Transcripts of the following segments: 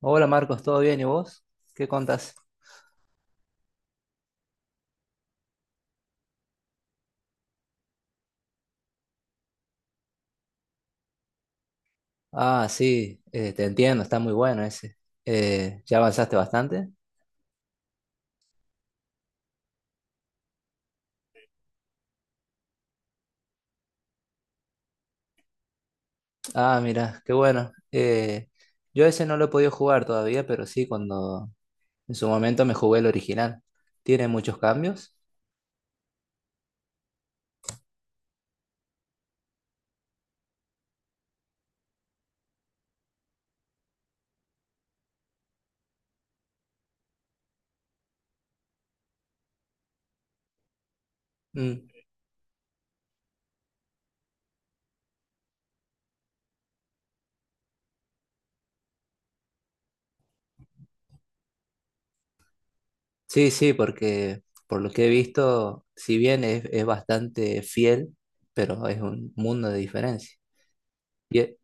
Hola Marcos, ¿todo bien? ¿Y vos? ¿Qué contás? Ah, sí, te entiendo, está muy bueno ese. ¿Ya avanzaste bastante? Ah, mira, qué bueno. Yo ese no lo he podido jugar todavía, pero sí, cuando en su momento me jugué el original. ¿Tiene muchos cambios? Mm. Sí, sí, porque por lo que he visto, si bien es bastante fiel, pero es un mundo de diferencia. ¿Y, e,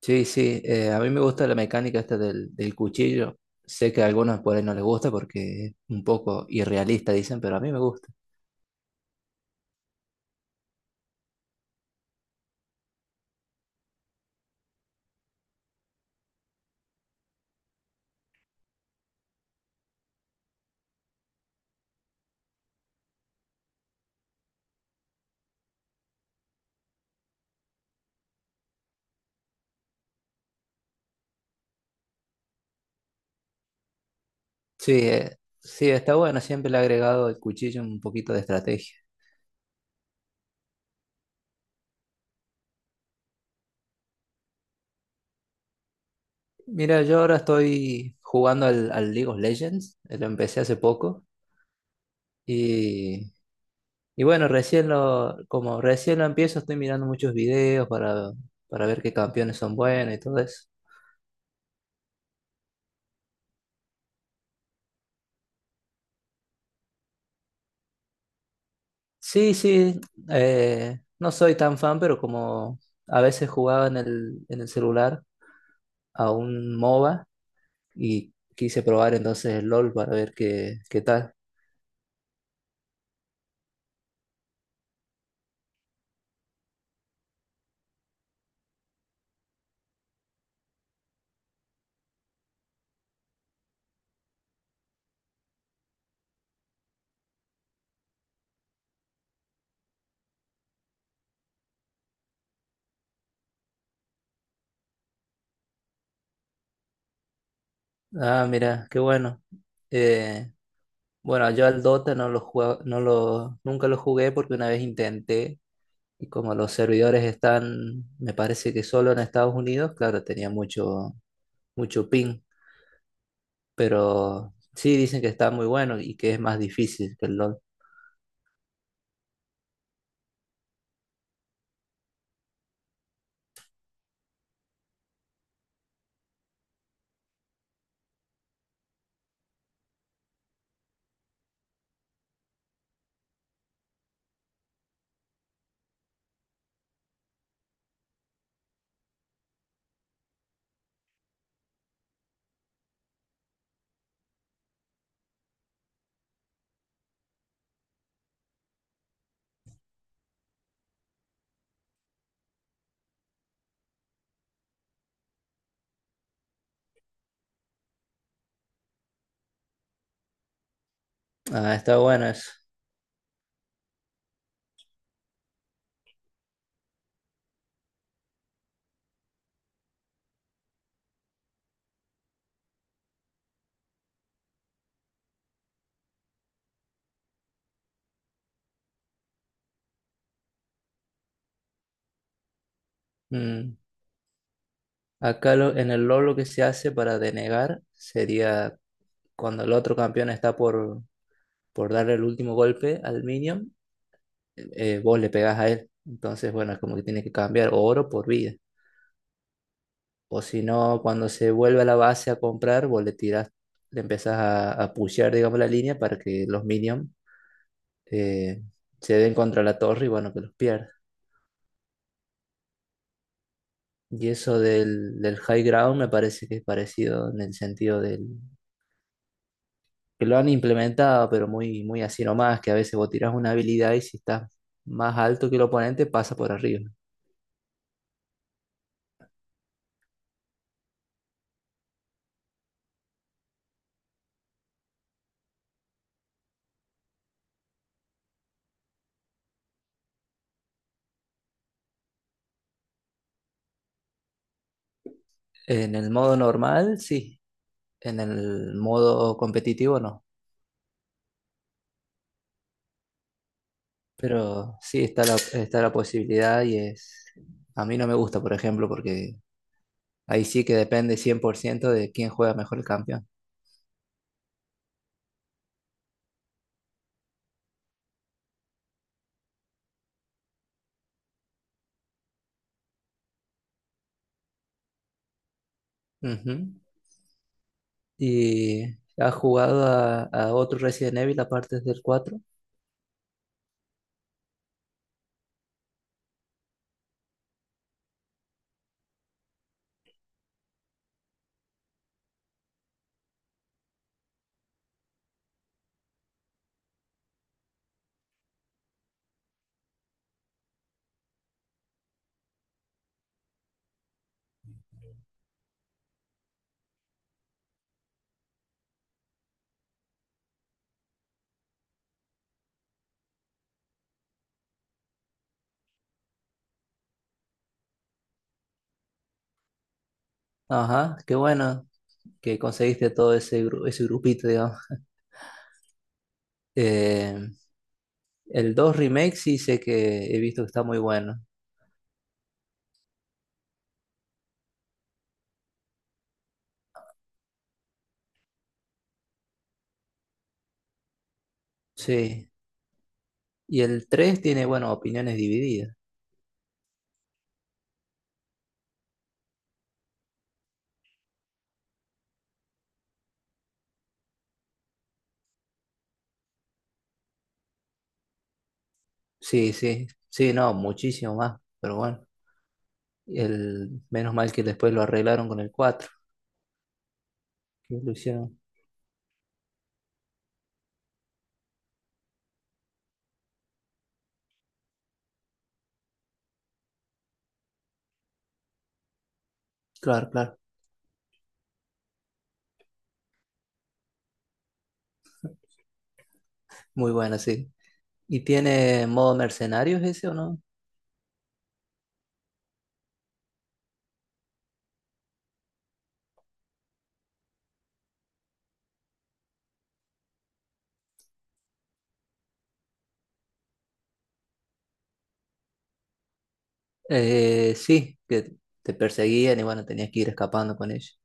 Sí, sí, a mí me gusta la mecánica esta del cuchillo. Sé que a algunos por ahí no les gusta porque es un poco irrealista, dicen, pero a mí me gusta. Sí, sí, está bueno, siempre le he agregado el cuchillo un poquito de estrategia. Mira, yo ahora estoy jugando al League of Legends, lo empecé hace poco y, bueno, recién como recién lo empiezo, estoy mirando muchos videos para ver qué campeones son buenos y todo eso. Sí, sí, no soy tan fan, pero como a veces jugaba en el celular a un MOBA y quise probar entonces el LOL para ver qué tal. Ah, mira, qué bueno. Eh, bueno, yo al Dota no lo jugaba, nunca lo jugué porque una vez intenté y como los servidores están, me parece que solo en Estados Unidos, claro, tenía mucho, mucho ping, pero sí dicen que está muy bueno y que es más difícil que el LOL. Ah, está bueno eso. Mm, Acá en el LoL lo que se hace para denegar sería cuando el otro campeón está por darle el último golpe al minion, vos le pegás a él. Entonces, bueno, es como que tiene que cambiar oro por vida. O si no, cuando se vuelve a la base a comprar, vos le tirás, le empezás a pushear, digamos, la línea para que los minions eh, se den contra la torre y bueno, que los pierda. Y eso del high ground me parece que es parecido en el sentido del que lo han implementado, pero muy, muy así nomás, que a veces vos tirás una habilidad y si estás más alto que el oponente, pasa por arriba. En el modo normal, sí. En el modo competitivo, no. Pero sí está la posibilidad y es... A mí no me gusta, por ejemplo, porque ahí sí que depende 100% de quién juega mejor el campeón. Ujú. ¿Y has jugado a otro Resident Evil aparte del cuatro? Ajá, qué bueno que conseguiste todo ese grupito, digamos. Eh, el 2 Remake sí sé que he visto que está muy bueno. Sí. Y el 3 tiene, bueno, opiniones divididas. Sí, sí. Sí, no, muchísimo más. Pero bueno. Menos mal que después lo arreglaron con el 4 que lo hicieron. Claro, claro. Muy bueno, sí. ¿Y tiene modo mercenarios ese o no? Sí, que te perseguían y bueno, tenías que ir escapando con ellos.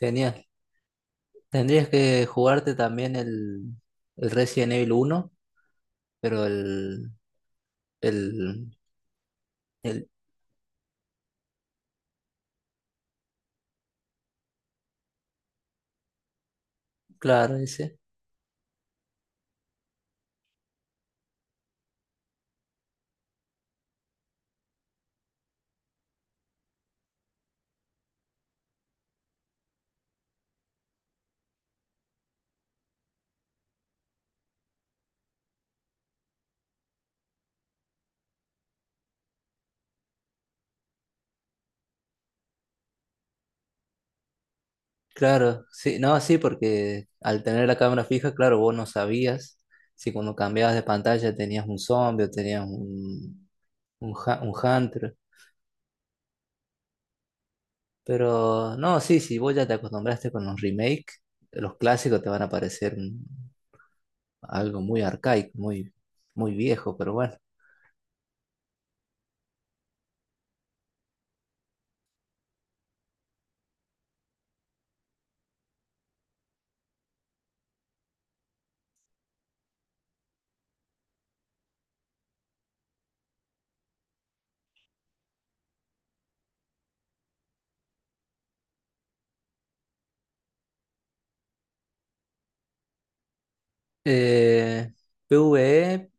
Genial. Tendrías que jugarte también el Resident Evil 1, pero el El, claro, ese. Claro, sí, no, sí, porque al tener la cámara fija, claro, vos no sabías si cuando cambiabas de pantalla tenías un zombie o tenías un hunter. Pero no, sí, si vos ya te acostumbraste con los remakes, los clásicos te van a parecer algo muy arcaico, muy, muy viejo, pero bueno. Eh, PvE,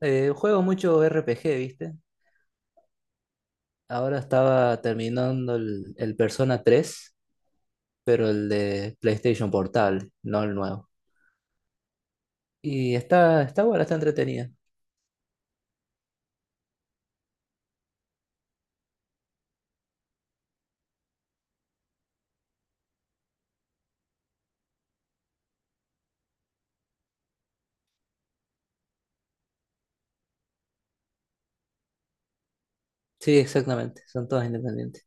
juego mucho RPG, ¿viste? Ahora estaba terminando el Persona 3, pero el de PlayStation Portable, no el nuevo. Y está buena, está entretenida. Sí, exactamente, son todas independientes.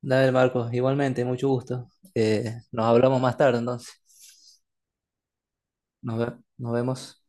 Dale, Marcos, igualmente, mucho gusto. Nos hablamos más tarde, entonces. Nos vemos.